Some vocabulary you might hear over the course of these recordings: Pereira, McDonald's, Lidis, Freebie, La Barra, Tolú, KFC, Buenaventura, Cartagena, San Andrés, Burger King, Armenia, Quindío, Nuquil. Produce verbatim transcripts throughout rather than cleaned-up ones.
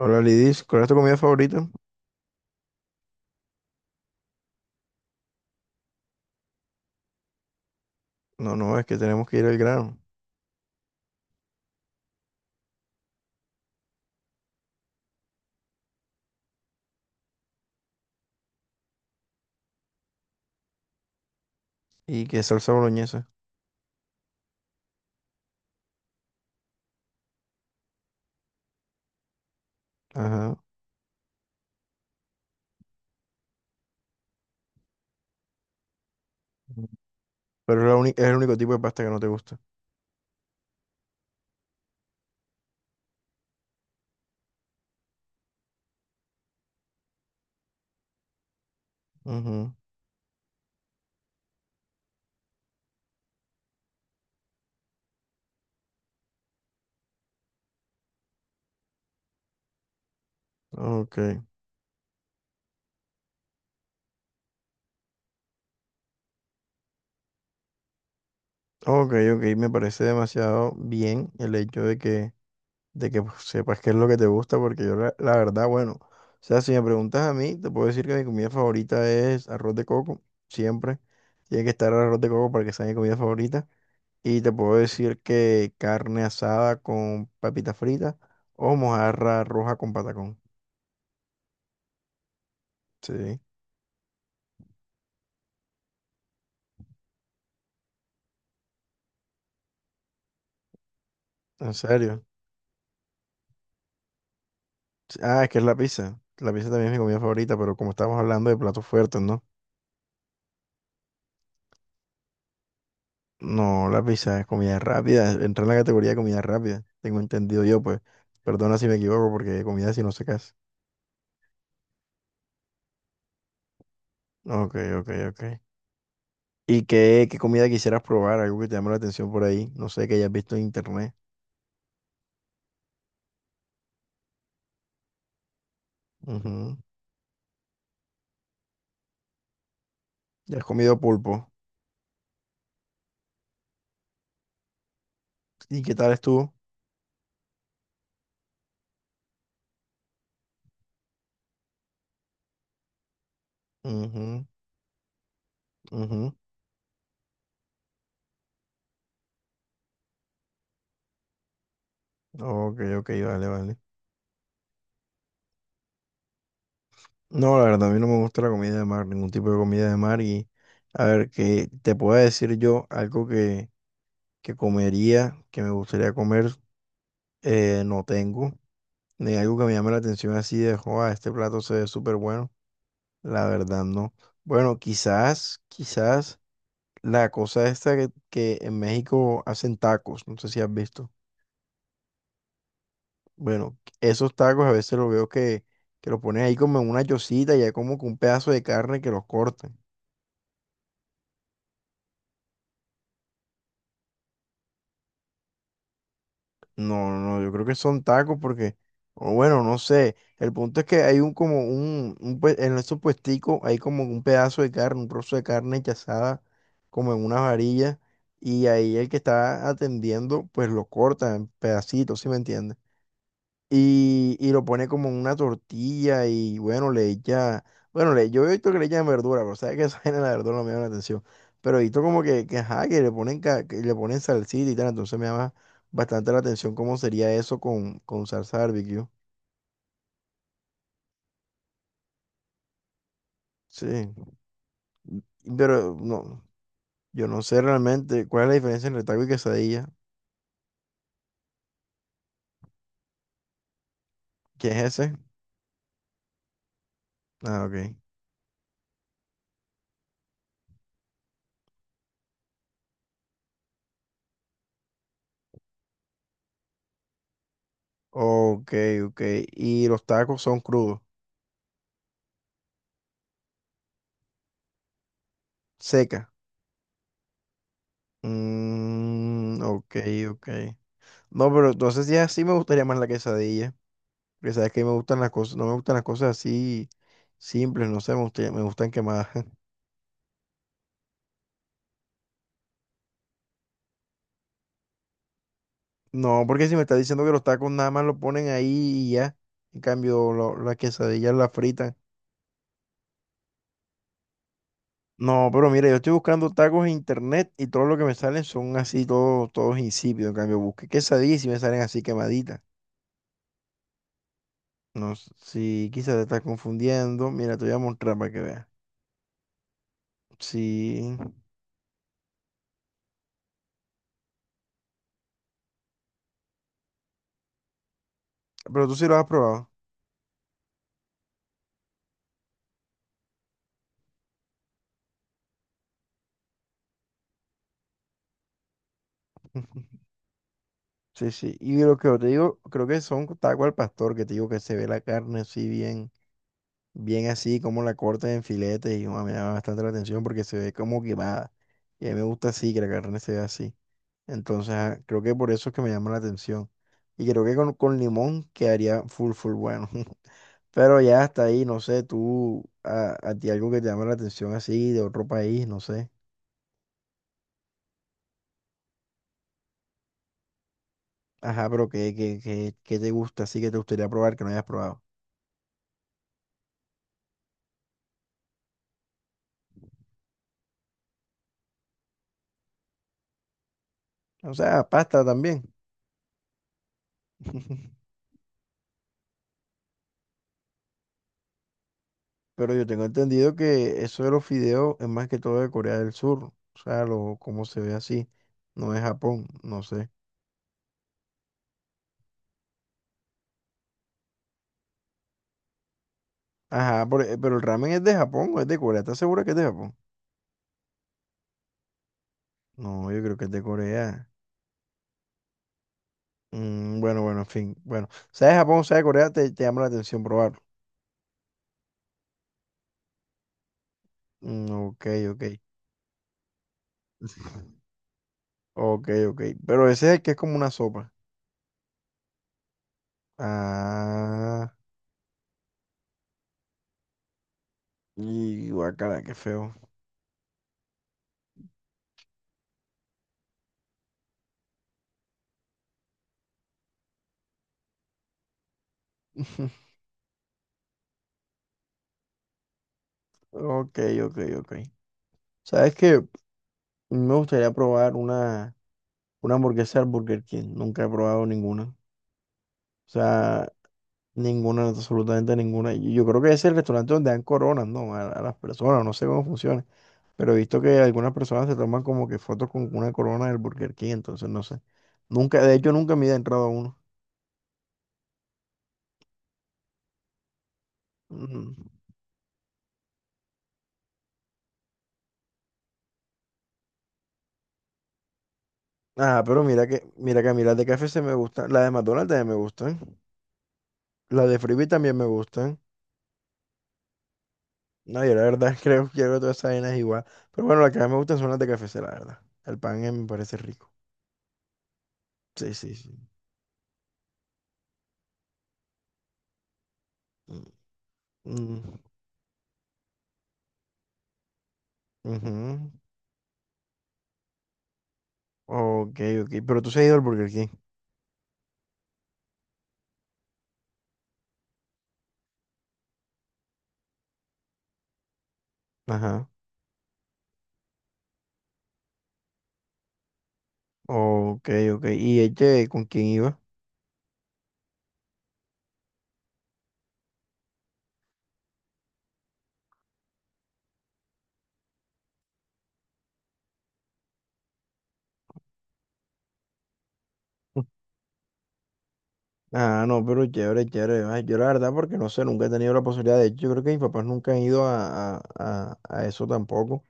Hola Lidis, ¿cuál es tu comida favorita? No, no, es que tenemos que ir al grano. ¿Y que salsa boloñesa? Ajá. Ujú. Pero es, la uni- es el único tipo de pasta que no te gusta. Ujú. Ok. Ok, ok. Me parece demasiado bien el hecho de que, de que pues, sepas qué es lo que te gusta, porque yo la, la verdad, bueno, o sea, si me preguntas a mí, te puedo decir que mi comida favorita es arroz de coco, siempre. Tiene que estar el arroz de coco para que sea mi comida favorita. Y te puedo decir que carne asada con papita frita o mojarra roja con patacón. Sí, en serio. Sí, ah, es que es la pizza. La pizza también es mi comida favorita, pero como estamos hablando de platos fuertes, ¿no? No, la pizza es comida rápida. Entra en la categoría de comida rápida. Tengo entendido yo, pues. Perdona si me equivoco, porque comida si no se casa. Ok, ok, ok. ¿Y qué, qué comida quisieras probar? Algo que te llame la atención por ahí. No sé, que hayas visto en internet. Ujú. ¿Ya has comido pulpo? ¿Y qué tal estuvo? Ujú. Ujú. Ok, ok, vale, vale. No, la verdad, a mí no me gusta la comida de mar, ningún tipo de comida de mar. Y a ver, que te pueda decir yo algo que, que comería, que me gustaría comer, eh, no tengo. Ni algo que me llame la atención así de, joa, este plato se ve súper bueno. La verdad, no. Bueno, quizás, quizás la cosa esta que, que en México hacen tacos, no sé si has visto. Bueno, esos tacos a veces los veo que, que los ponen ahí como en una yosita y hay como que un pedazo de carne que los cortan. No, no, no, yo creo que son tacos porque, o bueno, no sé. El punto es que hay un como un, un pue- en esos puesticos hay como un pedazo de carne, un trozo de carne que asada como en una varilla y ahí el que está atendiendo pues lo corta en pedacitos, ¿sí me entiendes? y, y lo pone como en una tortilla y bueno, le echa, bueno, le, yo he visto que le echan verdura, pero sabes que esa vaina la verdura no me llama la atención, pero he visto como que, que, ajá, que le ponen, ca- que le ponen salsita y tal, entonces me llama bastante la atención cómo sería eso con, con salsa barbecue. Sí, pero no, yo no sé realmente cuál es la diferencia entre taco y quesadilla, ¿qué es ese? Ah, ok. Ok, ok, ¿y los tacos son crudos, seca? Mm, ok, ok. No, pero entonces ya sí me gustaría más la quesadilla. Porque sabes que me gustan las cosas, no me gustan las cosas así simples, no sé, me gustaría- me gustan quemadas. No, porque si me estás diciendo que los tacos nada más lo ponen ahí y ya. En cambio, lo- las quesadillas las fritan. No, pero mira, yo estoy buscando tacos en internet y todo lo que me salen son así, todos, todos insípidos. En cambio, busqué quesadillas y sí me salen así quemaditas. No, s- sí, quizás te estás confundiendo. Mira, te voy a mostrar para que veas. Sí. Pero tú sí lo has probado. Sí, sí. Y lo que yo te digo, creo que son tacos al pastor, que te digo que se ve la carne así bien, bien así, como la cortan en filetes, y uah, me llama bastante la atención porque se ve como quemada. Y a mí me gusta así, que la carne se ve así. Entonces, ah, creo que por eso es que me llama la atención. Y creo que con, con limón quedaría full, full bueno. Pero ya hasta ahí, no sé, tú, a, a ti algo que te llama la atención así, de otro país, no sé. Ajá, pero ¿qué, qué, qué, qué te gusta así que te gustaría probar que no hayas probado? O sea, pasta también. Pero yo tengo entendido que eso de los fideos es más que todo de Corea del Sur. O sea, lo, como se ve así. No es Japón, no sé. Ajá, por- eh, pero el ramen es de Japón o es de Corea. ¿Estás segura que es de Japón? No, yo creo que es de Corea. Mm, bueno, bueno, en fin. Bueno, sea de Japón sea de Corea, te, te llama la atención probarlo. Mm, ok, ok. Ok, ok. Pero ese es el que es como una sopa. Ah, y guacala, qué feo. Ok, ok, ok. ¿Sabes qué? Me gustaría probar una, una hamburguesa del Burger King. Nunca he probado ninguna. O sea, ninguna, absolutamente ninguna. Y yo creo que es el restaurante donde dan coronas, ¿no? A, a las personas, no sé cómo funciona. Pero he visto que algunas personas se toman como que fotos con una corona del Burger King, entonces no sé. Nunca, de hecho, nunca me he entrado a uno. Mm. Ah, pero mira que, mira que a mí las de K F C me gustan. Las de McDonald's también me gustan. Las de Freebie también me gustan. No, yo la verdad creo que hago todas esas vainas igual. Pero bueno, las que más me gustan son las de K F C, la verdad. El pan eh, me parece rico. Sí, sí, sí. Mm, mm, ujú. Ok, ok. Pero tú se has ido al Burger King. Ajá. Ok, ok. ¿Y este con quién iba? Ah, no, pero chévere, chévere. Ay, yo la verdad, porque no sé, nunca he tenido la posibilidad. De hecho, yo creo que mis papás nunca han ido a, a, a, a eso tampoco.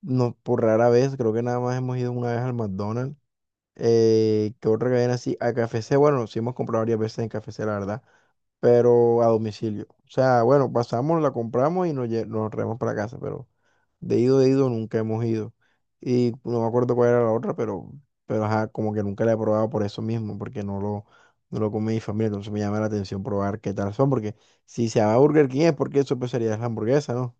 No, por rara vez, creo que nada más hemos ido una vez al McDonald's. Eh, ¿qué otra cadena así? A K F C, bueno, sí hemos comprado varias veces en K F C, la verdad, pero a domicilio. O sea, bueno, pasamos, la compramos y nos, lle- nos traemos para casa, pero de ido, de ido nunca hemos ido. Y no me acuerdo cuál era la otra, pero, pero ajá, como que nunca la he probado por eso mismo, porque no lo, no lo come mi familia, entonces me llama la atención probar qué tal son, porque si se llama Burger King es porque eso pues sería la hamburguesa, ¿no?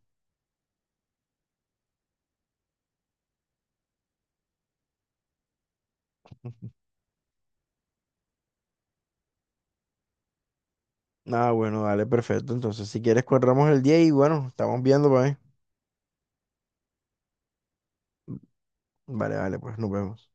Ah, bueno, dale, perfecto. Entonces, si quieres, cuadramos el día y bueno, estamos viendo, pues. ¿Eh? Vale, vale, pues nos vemos.